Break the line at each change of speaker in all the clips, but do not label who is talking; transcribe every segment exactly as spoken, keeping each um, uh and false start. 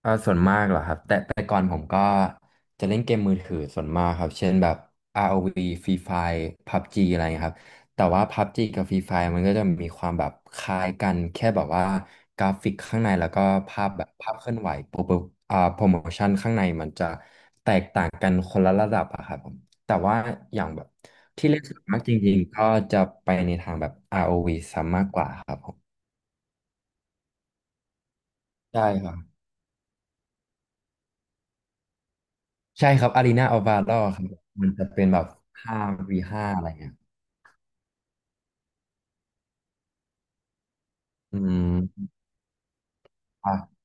เอ่าส่วนมากเหรอครับแต่แต่ก่อนผมก็จะเล่นเกมมือถือส่วนมากครับเช่นแบบ อาร์ โอ วี Free Fire พับจี อะไรเงี้ยครับแต่ว่า พับจี กับ Free Fire มันก็จะมีความแบบคล้ายกันแค่แบบว่ากราฟิกข้างในแล้วก็ภาพแบบภาพเคลื่อนไหวโปรโปรอ่าโปรโมชั่นข้างในมันจะแตกต่างกันคนละระดับอะครับผมแต่ว่าอย่างแบบที่เล่นส่วนมากจริงๆก็จะไปในทางแบบ อาร์ โอ วี ซะมากกว่าครับผมใช่ครับ ใช่ครับอารีนาอัลวาโดครับมันจะเป็นแบบห้าวีห้าอะไรเงี้ยอืมอ่ะ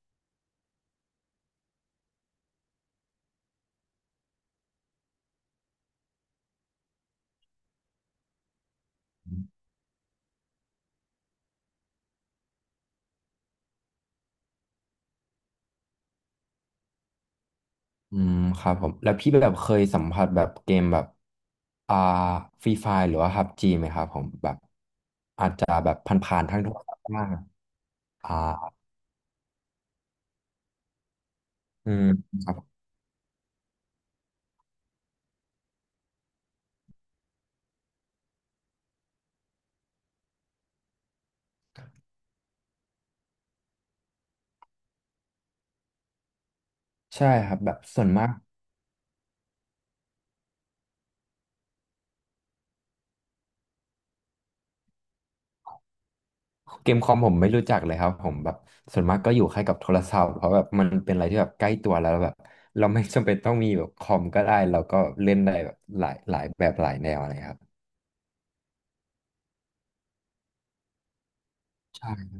อืมครับผมแล้วพี่แบบเคยสัมผัสแบบเกมแบบอ่าฟรีไฟหรือว่าพับจีไหมครับผมแบบอาจจะแบบผ่านๆทางโทรศัพท์บ้างอ่าอืมครับใช่ครับแบบส่วนมากเกมคอมผมไม่รู้จักเลยครับผมแบบส่วนมากก็อยู่แค่กับโทรศัพท์เพราะแบบมันเป็นอะไรที่แบบใกล้ตัวแล้วแบบเราไม่จำเป็นต้องมีแบบคอมก็ได้เราก็เล่นได้แบบหลายหลายแบบหลายแนวอะไรครับ ใช่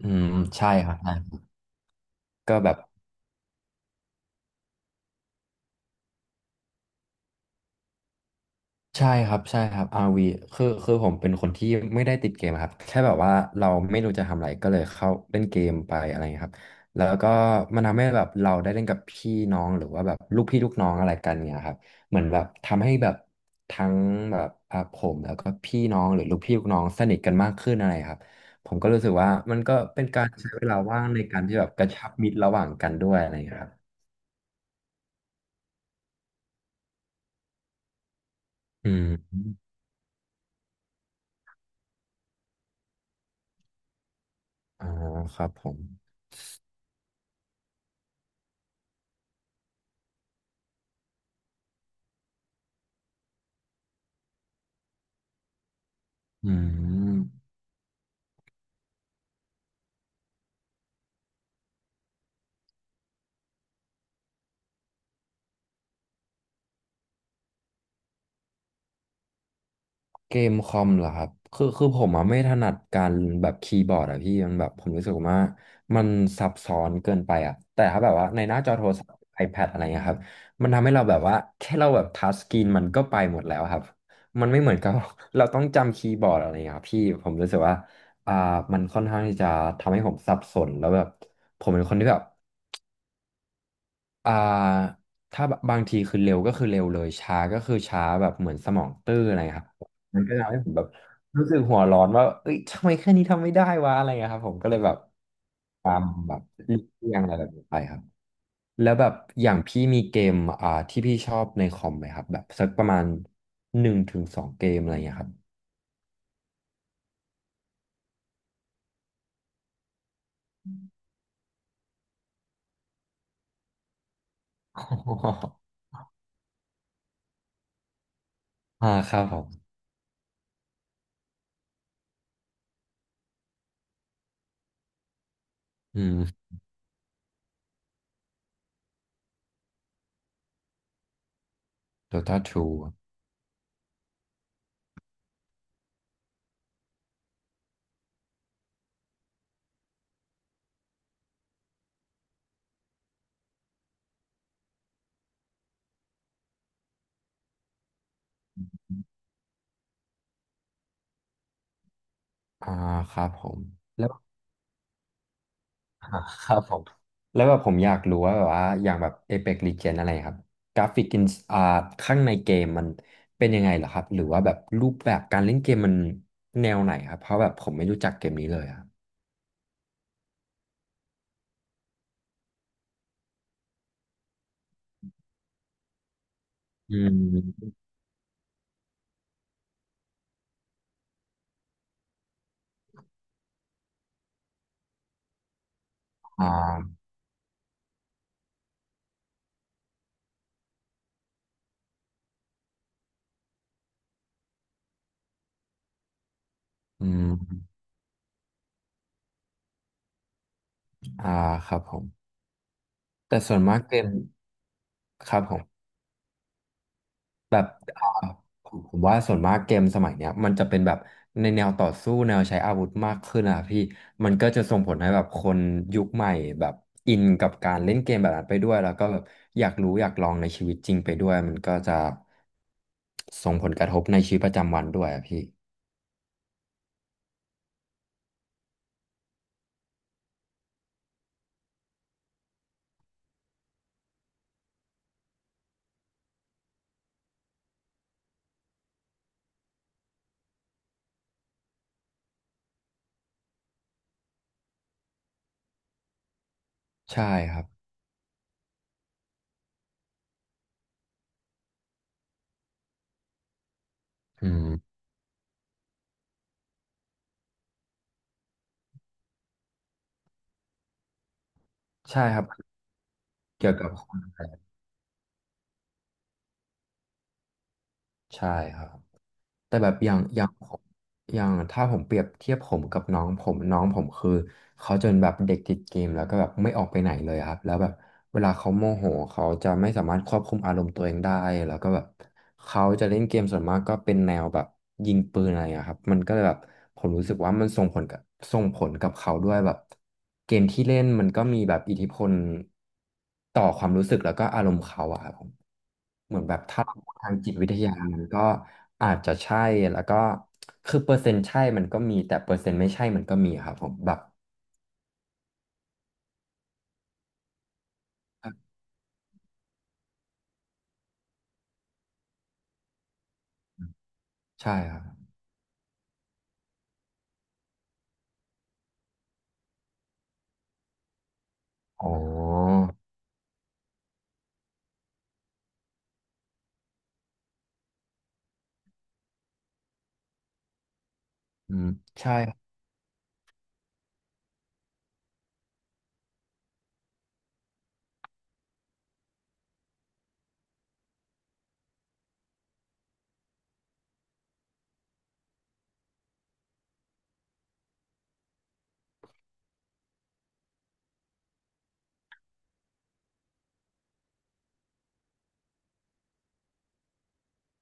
อืมใช่ครับใช่ก็แบบ ใช่ครับใช่ครับอาร์ว v คือคือผมเป็นคนที่ไม่ได้ติดเกมครับแค่แบบว่าเราไม่รู้จะทำอะไร ก็เลยเข้าเล่นเกมไปอะไรเงี้ยครับแล้วก็มันทำให้แบบเราได้เล่นกับพี่น้องหรือว่าแบบลูกพี่ลูกน้องอะไรกันเงี้ยครับเหมือนแบบทำให้แบบทั้งแบบอ่ะผมแล้วก็พี่น้องหรือลูกพี่ลูกน้องสนิทกันมากขึ้นอะไรครับผมก็รู้สึกว่ามันก็เป็นการใช้เวลาว่างในการที่แบบกระชับมิตรระหว่างกันด้วยอะไรเงี้ยครับอืมอ่าครับผม อืมเกมคอมเหรอครับคือคือผมอะไม่ถนัดการแบบคีย์บอร์ดอะพี่มันแบบผมรู้สึกว่ามันซับซ้อนเกินไปอะแต่ถ้าแบบว่าในหน้าจอโทรศัพท์ iPad อะไรเงี้ยครับมันทำให้เราแบบว่าแค่เราแบบทัชสกรีนมันก็ไปหมดแล้วครับมันไม่เหมือนกับ เราต้องจำคีย์บอร์ดอะไรเงี้ยครับพี่ผมรู้สึกว่าอ่ามันค่อนข้างที่จะทำให้ผมสับสนแล้วแบบผมเป็นคนที่แบบ อ่าถ้าบางทีคือเร็วก็คือเร็วเลยช้าก็คือช้าแบบเหมือนสมองตื้ออะไรครับมันก็ทำให้ผมแบบรู้สึกหัวร้อนว่าเอ้ยทำไมแค่นี้ทำไม่ได้วะอะไรเงี้ยครับผมก็เลยแบบตามแบบเลี่ยงอะไรแบบนี้ไปครับแล้วแบบอย่างพี่มีเกมอ่าที่พี่ชอบในคอมไหมครับแบบสักประมาณหนึ่งถึงสองเกมอะไรเงี้ยครับ อออ่าครับผมอืม Dota ทูอ่าครับผม อ่าครับผมแล้วแบบผมอยากรู้ว่าแบบว่าอย่างแบบ Apex Legends อะไรครับกราฟิกอินอ่าข้างในเกมมันเป็นยังไงเหรอครับหรือว่าแบบรูปแบบการเล่นเกมมันแนวไหนครับเพราะแบบผมไม่รู้จักเกมนี้เลยครับอืมอ่าอืมอ่าครับผมแต่ส่วนมากเกมครับผม แบบอ่าผมผมว่าส่วนมากเกมสมัยเนี้ยมันจะเป็นแบบในแนวต่อสู้แนวใช้อาวุธมากขึ้นอะพี่มันก็จะส่งผลให้แบบคนยุคใหม่แบบอินกับการเล่นเกมแบบนั้นไปด้วยแล้วก็แบบอยากรู้อยากลองในชีวิตจริงไปด้วยมันก็จะส่งผลกระทบในชีวิตประจำวันด้วยอะพี่ใช่ครับอืมใช่ครับเกี่ยวกับใช่ครับ แต่แบบอย่างอย่างผมอย่างถ้าผมเปรียบเทียบผมกับน้องผมน้องผมคือเขาจะเป็นแบบเด็กติดเกมแล้วก็แบบไม่ออกไปไหนเลยครับแล้วแบบเวลาเขาโมโหเขาจะไม่สามารถควบคุมอารมณ์ตัวเองได้แล้วก็แบบเขาจะเล่นเกมส่วนมากก็เป็นแนวแบบยิงปืนอะไรอะครับมันก็เลยแบบผมรู้สึกว่ามันส่งผลกับส่งผลกับเขาด้วยแบบเกมที่เล่นมันก็มีแบบอิทธิพล ต่อความรู้สึกแล้วก็อารมณ์เขาอะครับผมเหมือนแบบถ้าเราพูดทางจิตวิทยามันก็อาจจะใช่แล้วก็คือเปอร์เซ็นต์ใช่มันก็มีแต่เปอร์เซ็นต์ไม่ใช่มันก็มีครับผมแบบใช่ครับอ๋ออืมใช่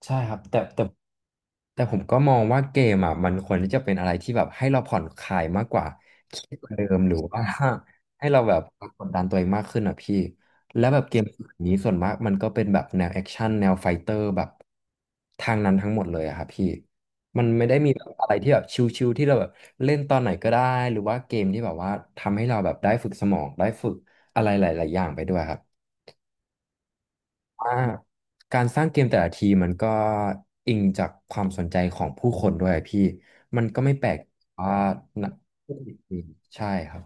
ใช่ครับแต่แต่แต่ผมก็มองว่าเกมอ่ะมันควรที่จะเป็นอะไรที่แบบให้เราผ่อนคลายมากกว่าเครียดกว่าเดิมหรือว่า ให้เราแบบกดดันตัวเองมากขึ้นอ่ะพี่แล้วแบบเกมนี้ส่วนมากมันก็เป็นแบบแนวแอคชั่นแนวไฟเตอร์แบบทางนั้นทั้งหมดเลยอะครับพี่มันไม่ได้มีแบบอะไรที่แบบชิลๆที่เราแบบเล่นตอนไหนก็ได้หรือว่าเกมที่แบบว่าทำให้เราแบบได้ฝึกสมองได้ฝึกอะไรหลายๆอย่างไปด้วยครับ ว่าการสร้างเกมแต่ละทีมันก็อิงจากความสนใจของผู้คนด้วยพี่มันก็ไม่แปลกว่านักผู้ผลิตเองใช่ครับ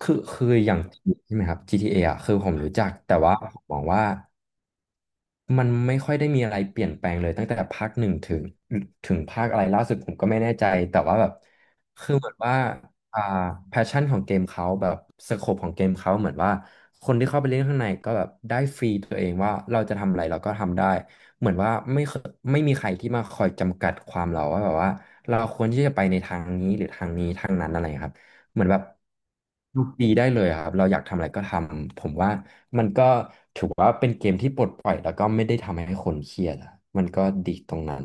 คือคืออย่างใช่ไหมครับ จี ที เอ ออ่ะคือผมรู้จักแต่ว่าผมมองว่า มันไม่ค่อยได้มีอะไรเปลี่ยนแปลงเลยตั้งแต่ภาคหนึ่งถึงถึงภาคอะไรล่าสุดผมก็ไม่แน่ใจแต่ว่าแบบคือเหมือนว่าอ่าแพชชั่นของเกมเขาแบบสโคปของเกมเขาเหมือนว่าคนที่เข้าไปเล่นข้างในก็แบบได้ฟรีตัวเองว่าเราจะทำอะไรเราก็ทำได้เหมือนว่าไม่เคยไม่มีใครที่มาคอยจำกัดความเราว่าแบบว่าเราควรที่จะไปในทางนี้หรือทางนี้ทางนั้นอะไรครับ เหมือนแบบดูฟรีได้เลยอะครับเราอยากทำอะไรก็ทำผมว่ามันก็ถือว่าเป็นเกมที่ปลดปล่อยแล้วก็ไม่ได้ทำให้คนเครียดอะมันก็ดีตรงนั้น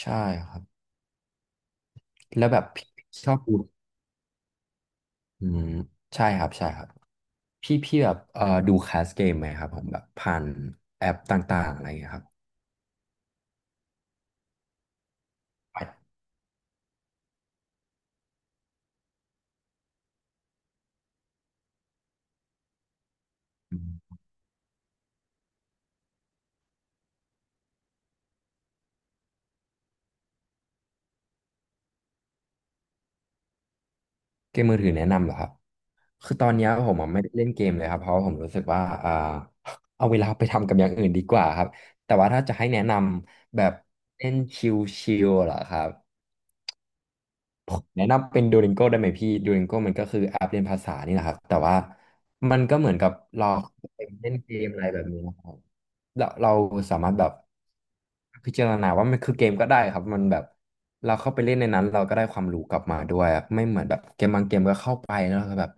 ใช่ครับแล้วแบบพี่ชอบดูอืมใช่ครับใช่ครับพี่พี่แบบเอ่อดูแคสเกมไหมครับผมแบบผ่านแอปต่างๆอะไรอย่างเงี้ยครับ เกมมือถือแนะนำเหรอครับ คือตอนเนี้ยผมอะไม่ได้เล่นเกมเลยครับเพราะว่าผมรู้สึกว่าอ่าเอาเวลาไปทำกับอย่างอื่นดีกว่าครับ แต่ว่าถ้าจะให้แนะนำแบบเล่นชิลๆเหรอครับ ผมแนะนำเป็น Duolingo ได้ไหมพี่ Duolingo มันก็คือแอปเรียนภาษานี่แหละครับแต่ว่ามันก็เหมือนกับเราไปเล่นเกมอะไรแบบนี้นะครับเราเราสามารถแบบพิจารณาว่ามันคือเกมก็ได้ครับมันแบบเราเข้าไปเล่นในนั้นเราก็ได้ความรู้กลับมาด้วยอะไม่เหมือนแบบเกมบางเกมก็เข้าไปแล้วก็แบบ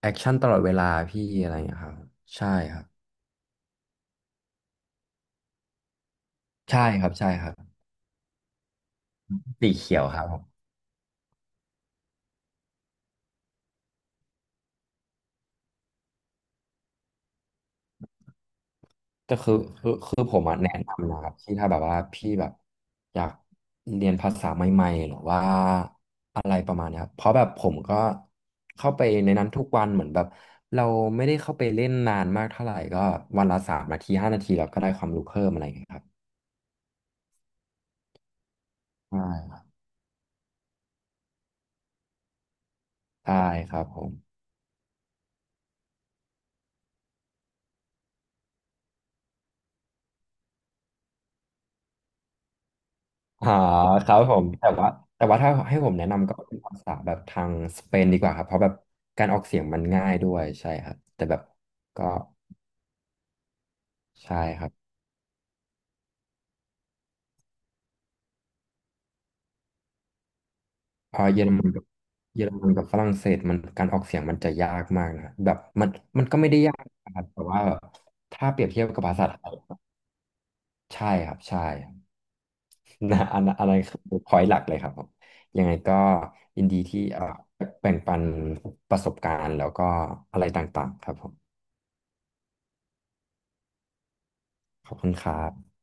แอคชั่นตลอดเวลาพี่อะไรอย่างเงี้ยครับใช่ครับใช่ครับใช่ครับสีเขียวครับ แต่คือคือคือผมอะแนะนำนะครับที่ถ้าแบบว่าพี่แบบอยากเรียนภาษาใหม่ๆหรือว่าอะไรประมาณเนี้ยครับเพราะแบบผมก็เข้าไปในนั้นทุกวันเหมือนแบบเราไม่ได้เข้าไปเล่นนานมากเท่าไหร่ก็วันละสามนาทีห้านาทีเราก็ได้ความรู้เพิ่มอะไรอย่างเงี้ยครับใช่ครับใช่ครับผมอ๋อครับผมแต่ว่าแต่ว่าถ้าให้ผมแนะนำก็เป็นภาษาแบบทางสเปนดีกว่าครับเพราะแบบการออกเสียงมันง่ายด้วยใช่ครับแต่แบบก็ใช่ครับ อาะเยอรมันกับเยอรมันกับฝรั่งเศสมันการออกเสียงมันจะยากมากนะครับแบบมันมันก็ไม่ได้ยากนะครับแต่ว่าถ้าเปรียบเทียบกับภาษาไทยใช่ครับใช่ครับ นะอันอันนั้นคือพอยต์หลักเลยครับผมยังไงก็ยินดีที่เอ่อแบ่งปันประสบการณ์แล้วก็อะไรต่างๆครับผมขอบคุณครับ